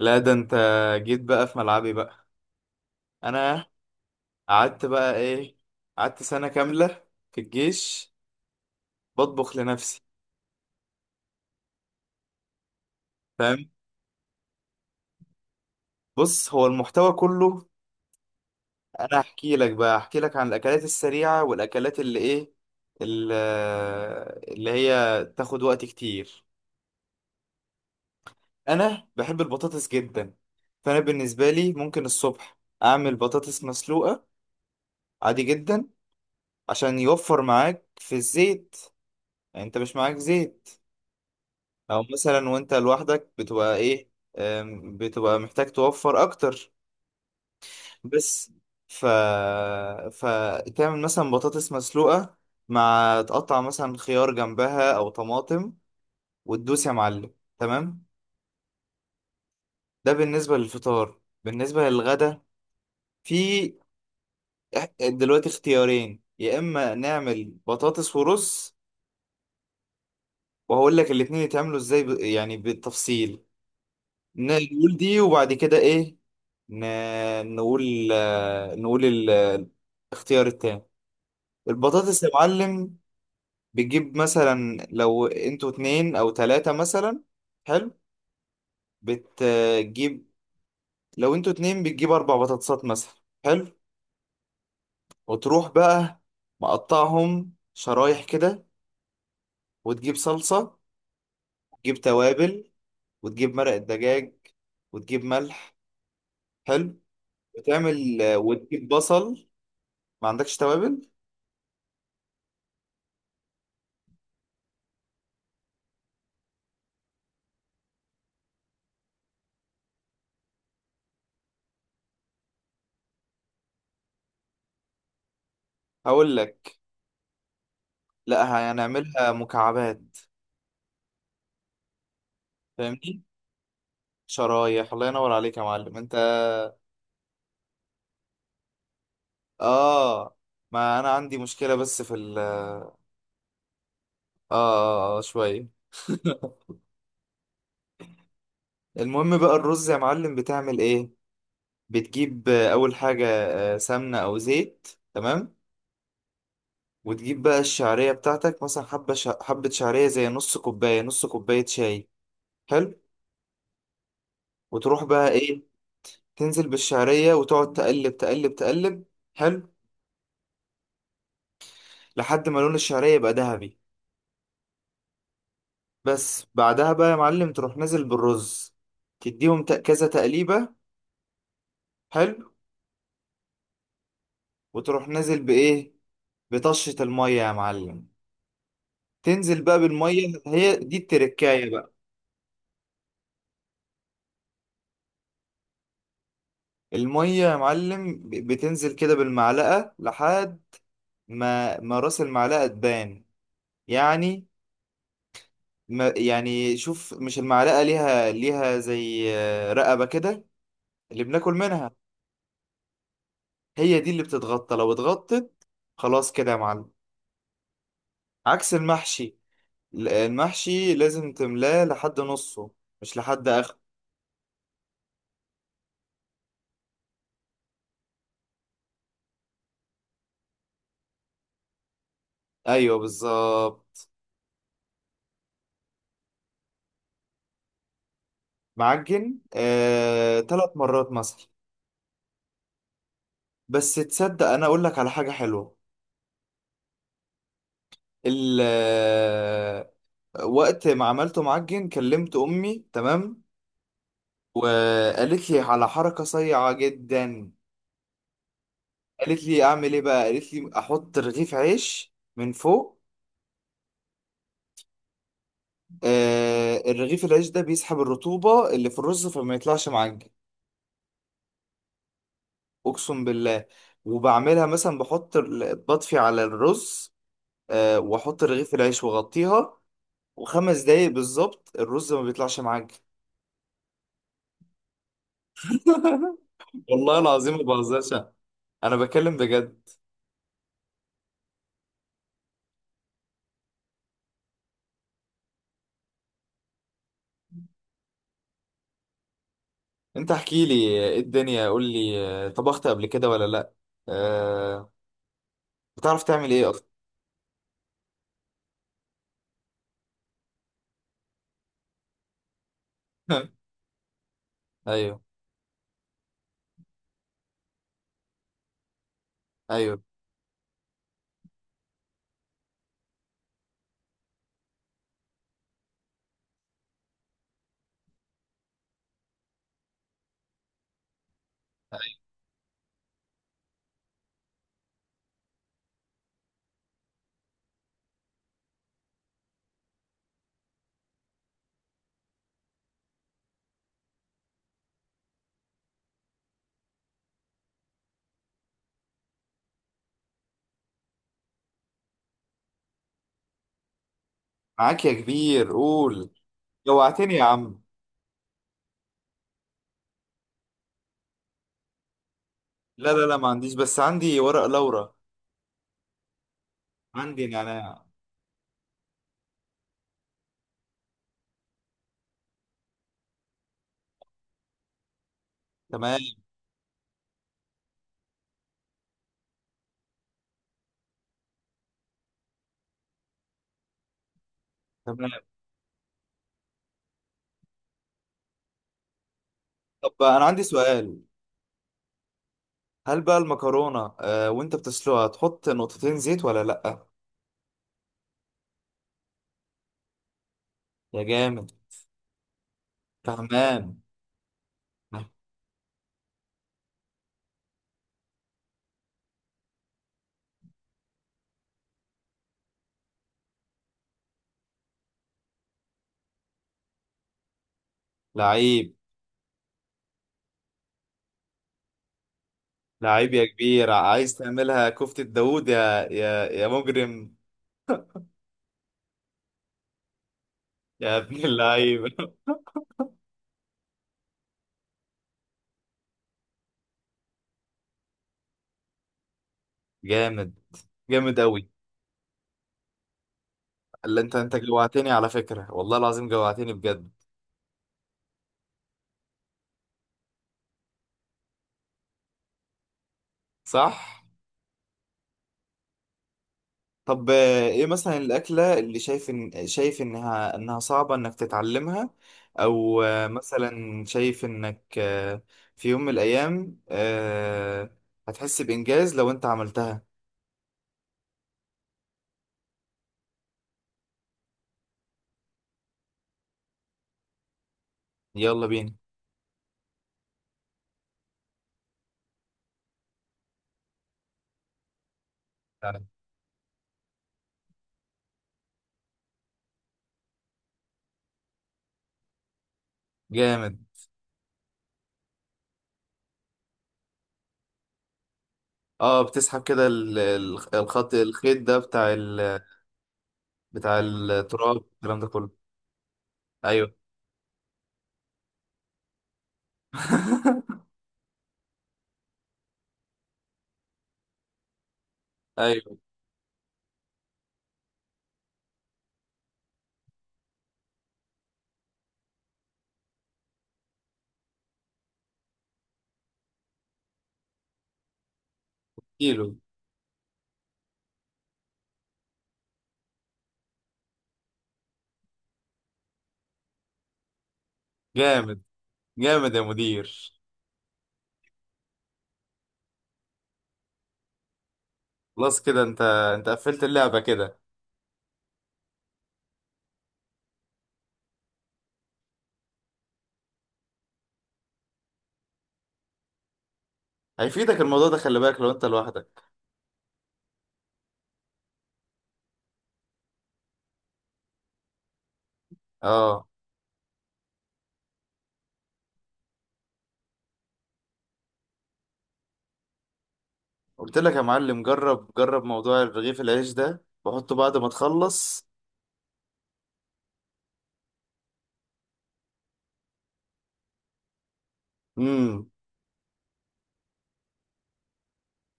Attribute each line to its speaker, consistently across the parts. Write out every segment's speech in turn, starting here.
Speaker 1: لا ده انت جيت بقى في ملعبي بقى. انا قعدت بقى ايه؟ قعدت سنة كاملة في الجيش بطبخ لنفسي. فاهم؟ بص هو المحتوى كله، انا هحكي لك بقى، هحكي لك عن الاكلات السريعة والاكلات اللي ايه، اللي هي تاخد وقت كتير. انا بحب البطاطس جدا، فانا بالنسبة لي ممكن الصبح اعمل بطاطس مسلوقة عادي جدا، عشان يوفر معاك في الزيت، يعني انت مش معاك زيت. او مثلا وانت لوحدك بتبقى ايه، بتبقى محتاج توفر اكتر. بس ف فتعمل مثلا بطاطس مسلوقة مع تقطع مثلا خيار جنبها او طماطم، وتدوس يا معلم. تمام. ده بالنسبة للفطار. بالنسبة للغدا في دلوقتي اختيارين، يا اما نعمل بطاطس ورز، وهقول لك الاتنين يتعملوا ازاي يعني بالتفصيل. نقول دي وبعد كده ايه؟ ن... نقول الاختيار التاني، البطاطس يا معلم. بتجيب مثلا لو انتوا اتنين او تلاتة مثلا، حلو، بتجيب لو انتوا اتنين بتجيب 4 بطاطسات مثلا، حلو، وتروح بقى مقطعهم شرايح كده، وتجيب صلصة، وتجيب توابل، وتجيب مرق الدجاج، وتجيب ملح، حلو، وتعمل وتجيب بصل. ما عندكش توابل؟ هقول لك، لا هنعملها مكعبات. فاهمني، شرايح. الله ينور عليك يا معلم انت. اه، ما انا عندي مشكلة بس في ال اه، اه, آه شوية. المهم بقى الرز يا معلم بتعمل ايه؟ بتجيب اول حاجة سمنة او زيت. تمام. وتجيب بقى الشعرية بتاعتك، مثلا حبة حبة شعرية زي نص كوباية، نص كوباية شاي، حلو، وتروح بقى ايه؟ تنزل بالشعرية وتقعد تقلب تقلب تقلب، حلو، لحد ما لون الشعرية يبقى ذهبي. بس بعدها بقى يا معلم تروح نازل بالرز، تديهم كذا تقليبة، حلو، وتروح نازل بإيه؟ بطشة المية يا معلم، تنزل بقى بالمية، هي دي التركاية بقى. المية يا معلم بتنزل كده بالمعلقة لحد ما راس المعلقة تبان. يعني، ما يعني شوف، مش المعلقة ليها زي رقبة كده اللي بناكل منها؟ هي دي اللي بتتغطى. لو اتغطت خلاص كده يا معلم. عكس المحشي، المحشي لازم تملاه لحد نصه، مش لحد اخر. ايوه بالظبط. معجن 3 مرات مثلا. بس تصدق انا اقول لك على حاجه حلوه. ال آه، وقت ما عملته معجن كلمت امي، تمام، وقالت لي على حركه صيعه جدا. قالت لي اعمل ايه بقى؟ قالت لي احط رغيف عيش من فوق. آه، الرغيف العيش ده بيسحب الرطوبه اللي في الرز فما يطلعش معجن. اقسم بالله. وبعملها مثلا، بحط بطفي على الرز واحط رغيف العيش واغطيها، و5 دقايق بالظبط الرز ما بيطلعش معاك. والله العظيم ما بهزرش، انا بكلم بجد. انت احكي لي، ايه الدنيا قول لي، طبخت قبل كده ولا لا؟ آه، بتعرف تعمل ايه اصلا؟ ايوه. ايوه، معاك يا كبير، قول. جوعتني يا عم. لا لا لا، ما عنديش، بس عندي ورق لورا. عندي نعناع. تمام. تمام. طب انا عندي سؤال، هل بقى المكرونة آه وانت بتسلقها تحط نقطتين زيت ولا لأ؟ يا جامد. فهمان. لعيب. لعيب يا كبير، عايز تعملها كفتة داوود، يا مجرم. يا ابن اللعيب. جامد، جامد أوي. اللي انت جوعتني على فكرة، والله العظيم جوعتني بجد. صح؟ طب ايه مثلا الأكلة اللي شايف إن شايف إنها صعبة إنك تتعلمها؟ أو مثلا شايف إنك في يوم من الأيام هتحس بإنجاز لو أنت عملتها. يلا بينا. تعالى. جامد. اه، بتسحب كده ال- ال- الخط الخيط ده بتاع ال، بتاع التراب، الكلام ده كله. ايوه. ايوه. كيلو. جامد، جامد يا مدير. خلاص كده انت، انت قفلت اللعبة كده. هيفيدك الموضوع ده، خلي بالك لو انت لوحدك. اه. قلت لك يا معلم، جرب جرب موضوع رغيف العيش ده، بحطه بعد ما تخلص. امم.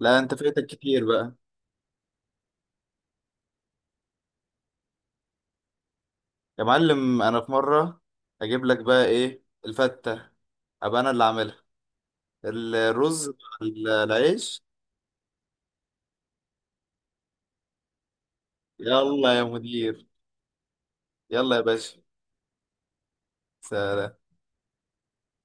Speaker 1: لا انت فايتك كتير بقى. يا معلم انا في مره اجيب لك بقى ايه الفته، ابقى انا اللي عاملها، الرز مع العيش. يلا يا مدير، يلا يا باشا. سلام.